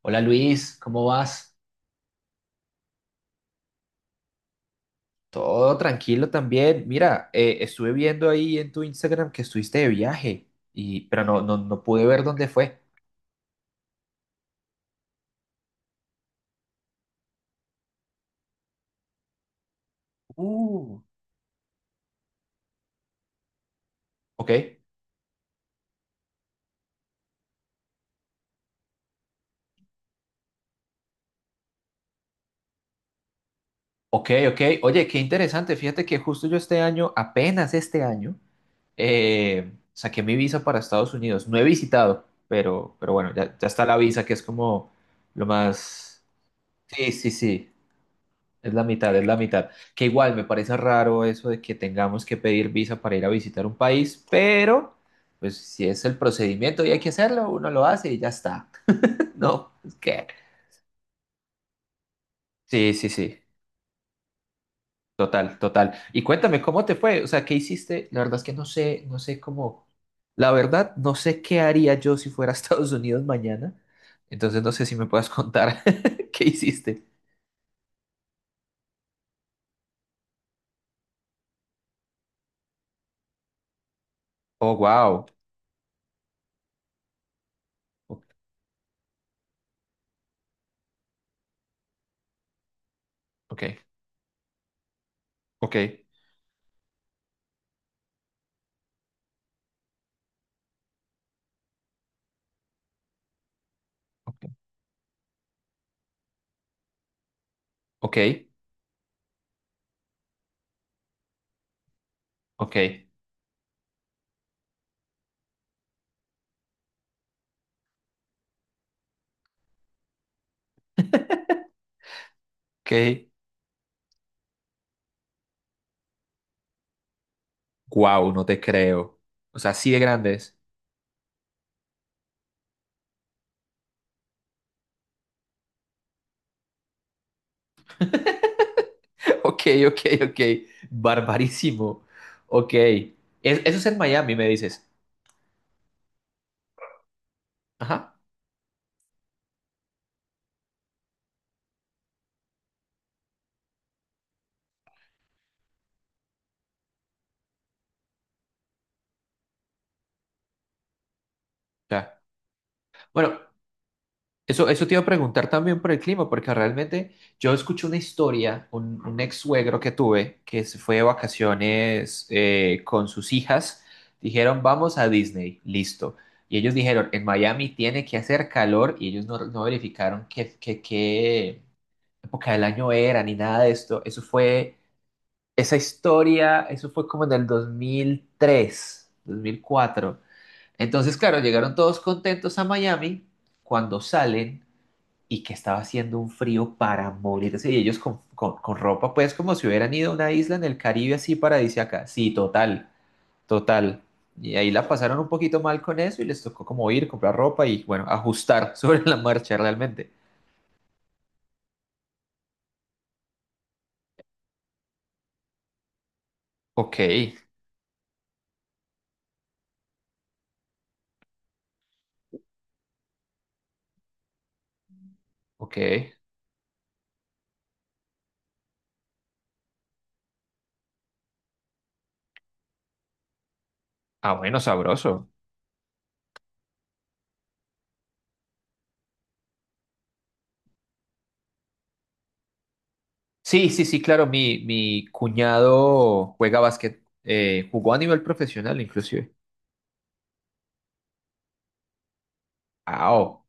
Hola Luis, ¿cómo vas? Todo tranquilo también. Mira, estuve viendo ahí en tu Instagram que estuviste de viaje, pero no pude ver dónde fue. Uh, Ok, ok, ok. Oye, qué interesante. Fíjate que justo yo este año, apenas este año, saqué mi visa para Estados Unidos. No he visitado, pero bueno, ya está la visa que es como lo más. Sí, sí, sí. Es la mitad, es la mitad. Que igual me parece raro eso de que tengamos que pedir visa para ir a visitar un país, pero pues si es el procedimiento y hay que hacerlo, uno lo hace y ya está. No, es que. Sí, sí, sí. Total, total. Y cuéntame, ¿cómo te fue? O sea, ¿qué hiciste? La verdad es que no sé cómo. La verdad, no sé qué haría yo si fuera a Estados Unidos mañana. Entonces no sé si me puedas contar qué hiciste. Oh, wow. Ok, ok, ok, ok, ok. Ok. Wow, no te creo. O sea, así de grandes. Ok, ok, ok. Barbarísimo. Ok. Eso es en Miami, me dices. Ajá. Ya. Bueno, eso te iba a preguntar también por el clima, porque realmente yo escuché una historia, un ex suegro que tuve, que se fue de vacaciones con sus hijas. Dijeron, vamos a Disney. Listo. Y ellos dijeron, en Miami tiene que hacer calor y ellos no verificaron qué época del año era ni nada de esto. Eso fue, esa historia, eso fue como en el dos mil tres 2004. Entonces, claro, llegaron todos contentos a Miami cuando salen y que estaba haciendo un frío para morirse. Y ellos con ropa, pues como si hubieran ido a una isla en el Caribe así paradisíaca. Sí, total, total. Y ahí la pasaron un poquito mal con eso y les tocó como ir, comprar ropa y bueno, ajustar sobre la marcha realmente. Ok, ok. Ah, bueno, sabroso. Sí, sí, sí, claro, mi cuñado juega básquet, jugó a nivel profesional inclusive. Ah, oh,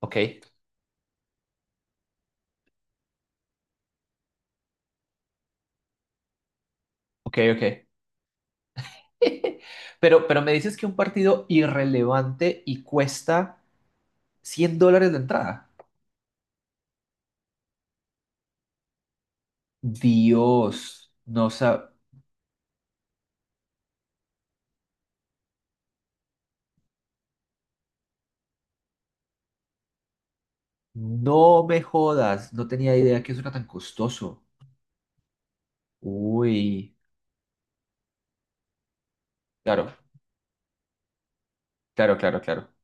ok, ok, ok. Pero me dices que un partido irrelevante y cuesta $100 la entrada. Dios, no me jodas, no tenía idea que eso era tan costoso. Uy, claro, claro, claro, claro.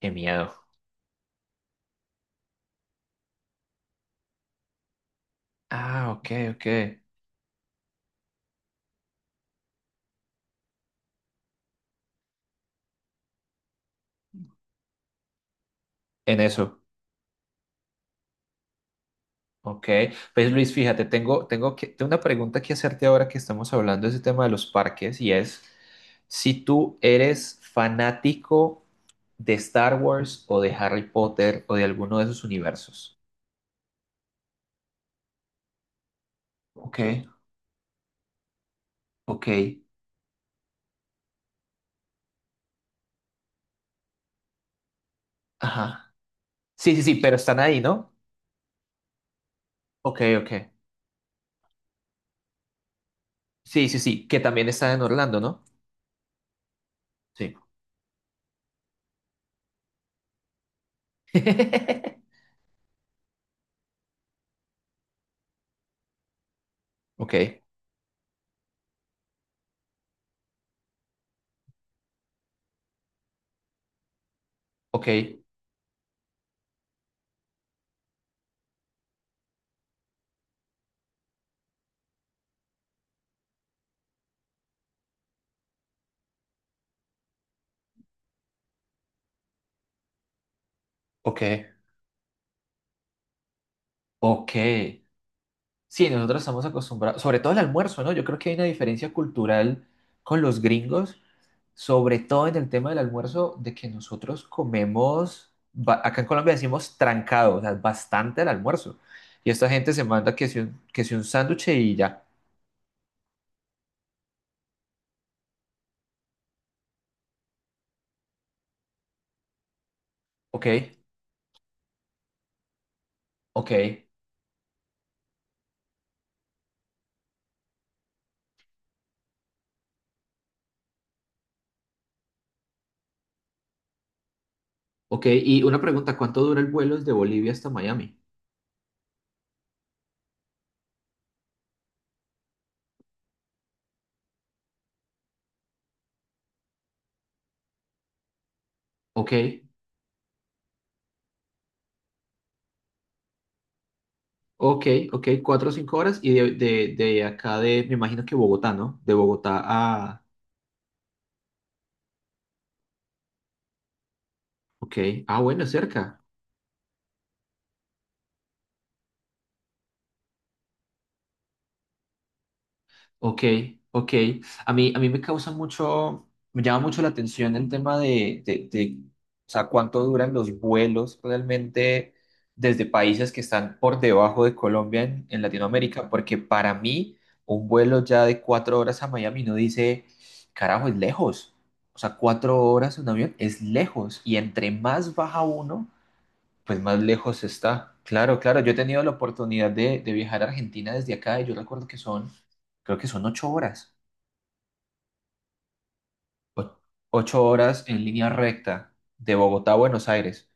Qué miedo. Ah, ok, ok. En eso. Ok, pues Luis, fíjate, tengo una pregunta que hacerte ahora que estamos hablando de ese tema de los parques y es si tú eres fanático de Star Wars o de Harry Potter o de alguno de esos universos. Ok, ok. Ajá. Sí, sí, sí, pero están ahí, ¿no? Ok, ok. Sí, sí, sí, que también están en Orlando, ¿no? Sí. Ok, ok, ok, ok. Sí, nosotros estamos acostumbrados, sobre todo el almuerzo, ¿no? Yo creo que hay una diferencia cultural con los gringos, sobre todo en el tema del almuerzo, de que nosotros comemos, acá en Colombia decimos trancado, o sea, bastante el almuerzo. Y esta gente se manda que si un sándwich y ya. Ok, ok, ok. Y una pregunta, ¿cuánto dura el vuelo desde Bolivia hasta Miami? Ok, ok, ok, 4 o 5 horas. Y de acá de, me imagino que Bogotá, ¿no? De Bogotá a. Ok, ah, bueno, es cerca. Ok, ok. A mí me llama mucho la atención el tema de, o sea, cuánto duran los vuelos realmente desde países que están por debajo de Colombia en, Latinoamérica, porque para mí un vuelo ya de 4 horas a Miami no dice, carajo, es lejos. O sea, 4 horas en un avión es lejos y entre más baja uno, pues más lejos está. Claro, claro. Yo he tenido la oportunidad de viajar a Argentina desde acá y yo recuerdo que creo que son 8 horas. O- 8 horas en línea recta de Bogotá a Buenos Aires.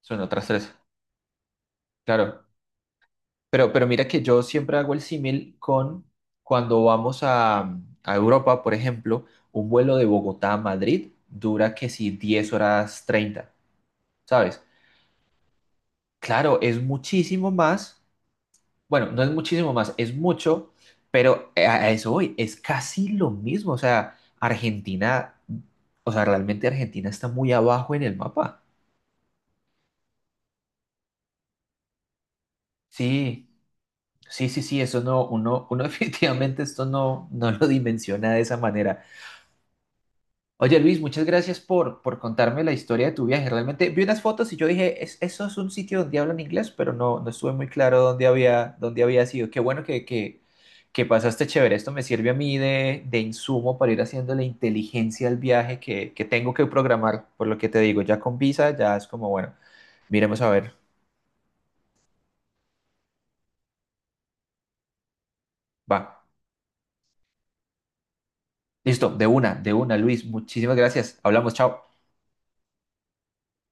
Son otras tres. Claro. Pero mira que yo siempre hago el símil con cuando vamos a Europa, por ejemplo, un vuelo de Bogotá a Madrid dura que si 10 horas 30, ¿sabes? Claro, es muchísimo más. Bueno, no es muchísimo más, es mucho, pero a eso voy, es casi lo mismo. O sea, Argentina, o sea, realmente Argentina está muy abajo en el mapa. Sí, sí, sí, sí, eso no, uno definitivamente esto no lo dimensiona de esa manera. Oye Luis, muchas gracias por contarme la historia de tu viaje. Realmente vi unas fotos y yo dije, eso es un sitio donde hablan inglés, pero no estuve muy claro dónde había, sido. Qué bueno que pasaste chévere. Esto me sirve a mí de insumo para ir haciendo la inteligencia al viaje que tengo que programar, por lo que te digo, ya con visa, ya es como, bueno, miremos a ver. Va. Listo, de una, Luis. Muchísimas gracias. Hablamos, chao.